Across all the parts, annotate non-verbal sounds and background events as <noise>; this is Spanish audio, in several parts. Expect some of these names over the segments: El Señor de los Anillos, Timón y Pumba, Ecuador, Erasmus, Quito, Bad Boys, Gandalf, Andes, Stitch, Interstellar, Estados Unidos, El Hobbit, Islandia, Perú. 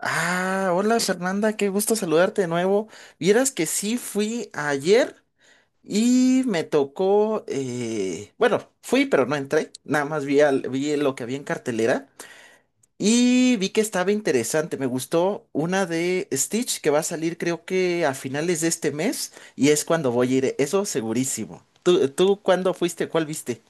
Ah, hola Fernanda, qué gusto saludarte de nuevo. Vieras que sí fui ayer y me tocó, bueno, fui pero no entré, nada más vi, vi lo que había en cartelera y vi que estaba interesante, me gustó una de Stitch que va a salir creo que a finales de este mes y es cuando voy a ir, eso segurísimo. ¿Tú cuándo fuiste? ¿Cuál viste?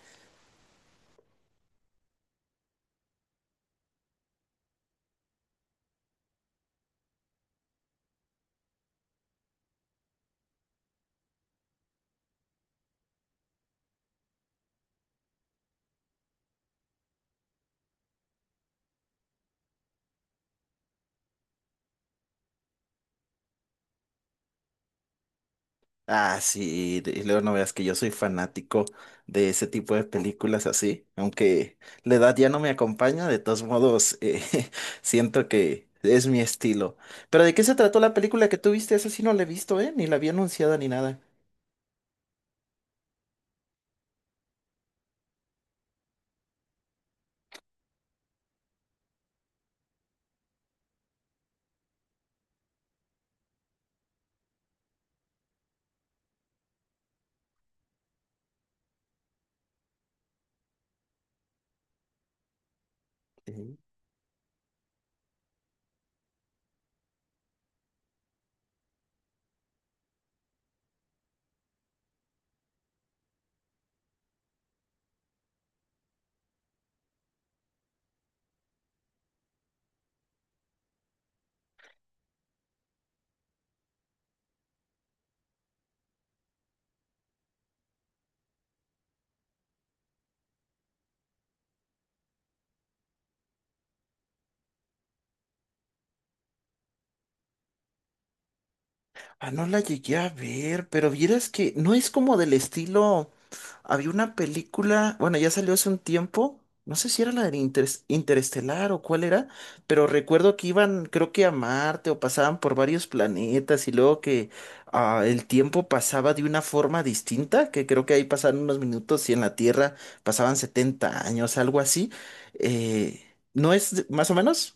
Ah, sí, y luego no veas que yo soy fanático de ese tipo de películas así, aunque la edad ya no me acompaña, de todos modos, <laughs> siento que es mi estilo. Pero ¿de qué se trató la película que tú viste? Esa sí no la he visto, ¿eh? Ni la había anunciada ni nada. Ah, no la llegué a ver, pero vieras que no es como del estilo. Había una película, bueno, ya salió hace un tiempo, no sé si era la de Interestelar o cuál era, pero recuerdo que iban, creo que a Marte o pasaban por varios planetas y luego que ah, el tiempo pasaba de una forma distinta, que creo que ahí pasaban unos minutos y en la Tierra pasaban 70 años, algo así. Eh, ¿No es más o menos?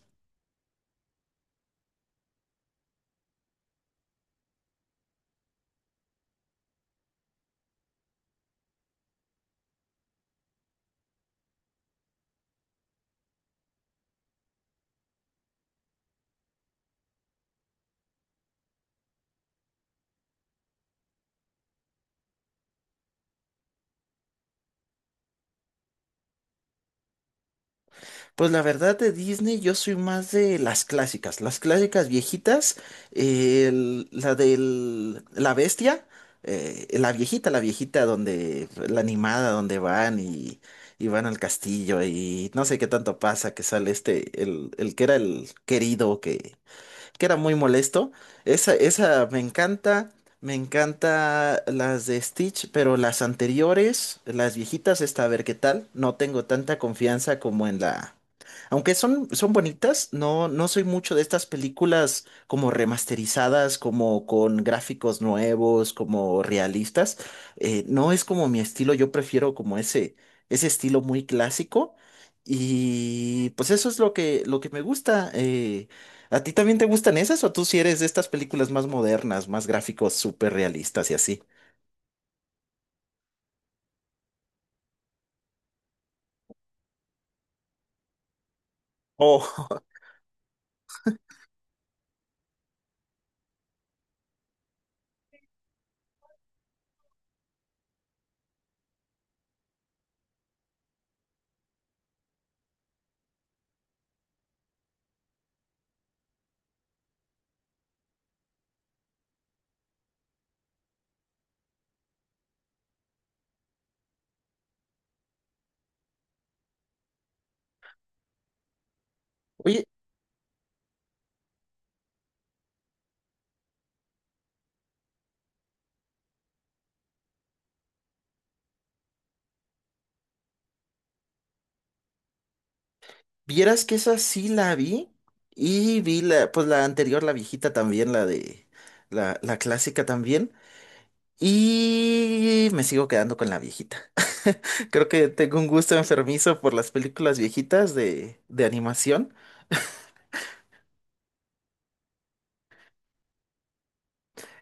Pues la verdad de Disney yo soy más de las clásicas viejitas, la del la bestia, la viejita donde la animada donde van y van al castillo y no sé qué tanto pasa que sale este el que era el querido que era muy molesto. Esa me encanta. Me encanta las de Stitch, pero las anteriores, las viejitas, esta, a ver qué tal. No tengo tanta confianza como en la... Aunque son bonitas, no, no soy mucho de estas películas como remasterizadas, como con gráficos nuevos, como realistas. No es como mi estilo, yo prefiero como ese estilo muy clásico. Y pues eso es lo que me gusta. ¿A ti también te gustan esas o tú si eres de estas películas más modernas, más gráficos, súper realistas y así? Oh, <laughs> oye, vieras que esa sí la vi y vi pues la anterior, la viejita también, la clásica también y me sigo quedando con la viejita. <laughs> Creo que tengo un gusto enfermizo por las películas viejitas de animación.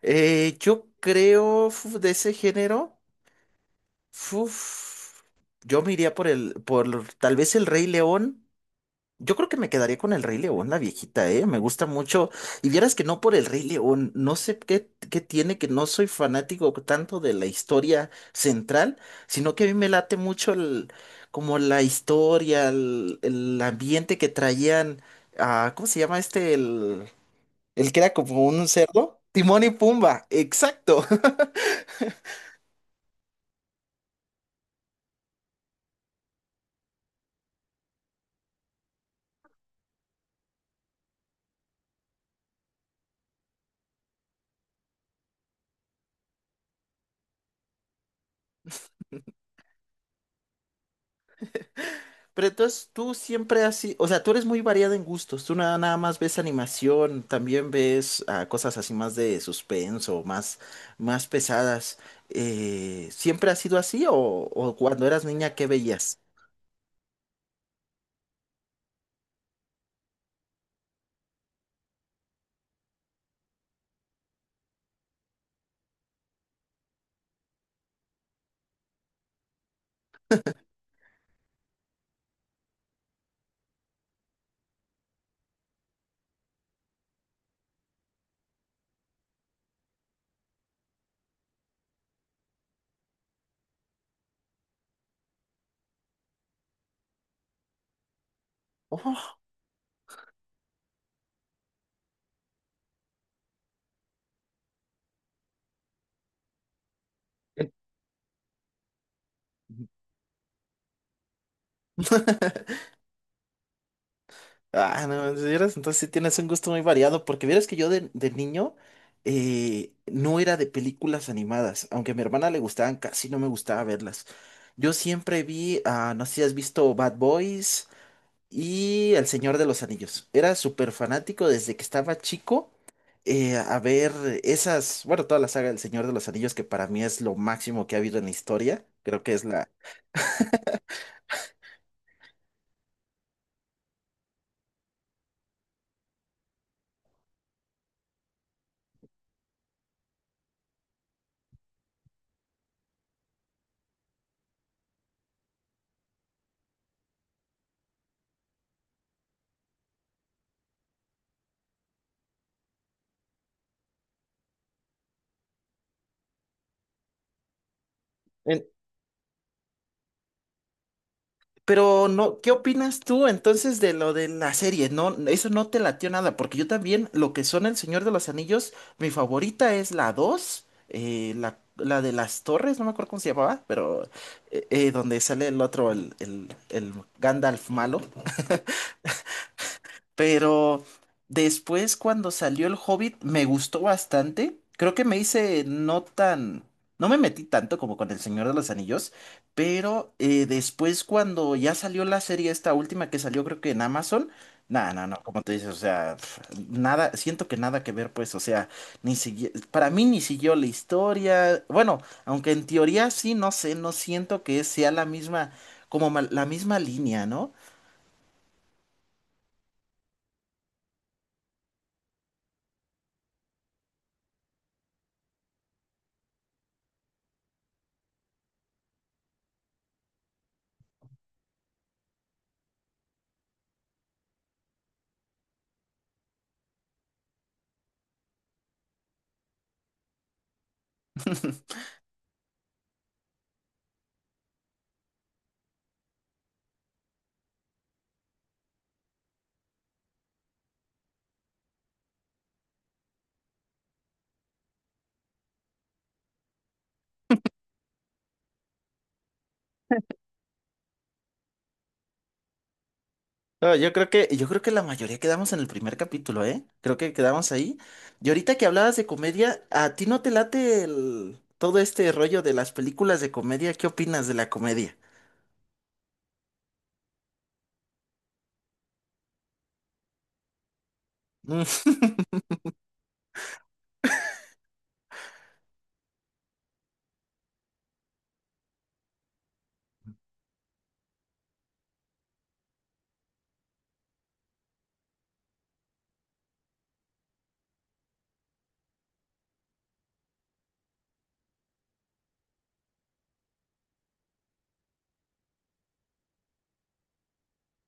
Yo creo de ese género, fuf, yo me iría por por tal vez el Rey León. Yo creo que me quedaría con el Rey León, la viejita, ¿eh? Me gusta mucho. Y vieras que no por el Rey León, no sé qué, qué tiene, que no soy fanático tanto de la historia central, sino que a mí me late mucho como la historia, el ambiente que traían, ah, ¿cómo se llama este? El que era como un cerdo. Timón y Pumba, exacto. <laughs> Pero entonces tú siempre así, o sea, tú eres muy variado en gustos, tú nada más ves animación, también ves ah, cosas así más de suspenso, más pesadas. ¿Siempre ha sido así o cuando eras niña, qué veías? Oh, <laughs> En- ah, no, si entonces sí tienes un gusto muy variado, porque vieras que yo de niño no era de películas animadas, aunque a mi hermana le gustaban, casi no me gustaba verlas. Yo siempre vi, ah, no sé si has visto Bad Boys. Y El Señor de los Anillos. Era súper fanático desde que estaba chico a ver esas, bueno, toda la saga del Señor de los Anillos, que para mí es lo máximo que ha habido en la historia. Creo que es la... en- Pero no, ¿qué opinas tú entonces de lo de la serie? No, eso no te latió nada, porque yo también, lo que son El Señor de los Anillos, mi favorita es la 2 la de las torres, no me acuerdo cómo se llamaba, pero donde sale el otro, el Gandalf malo. Pero después, cuando salió El Hobbit, me gustó bastante. Creo que me hice no tan. No me metí tanto como con El Señor de los Anillos. Pero después, cuando ya salió la serie, esta última que salió, creo que en Amazon. No, como te dices, o sea, pf, nada, siento que nada que ver, pues, o sea, ni sigui- para mí ni siguió la historia, bueno, aunque en teoría sí, no sé, no siento que sea la misma, como la misma línea, ¿no? <laughs> No, yo creo yo creo que la mayoría quedamos en el primer capítulo, ¿eh? Creo que quedamos ahí. Y ahorita que hablabas de comedia, ¿a ti no te late todo este rollo de las películas de comedia? ¿Qué opinas de la comedia? Mm, <laughs>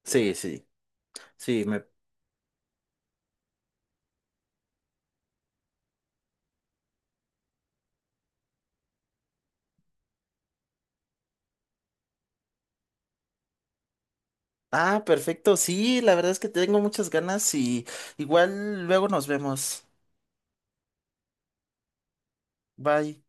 Sí, sí, sí, me... Ah, perfecto, sí, la verdad es que tengo muchas ganas y igual luego nos vemos. Bye.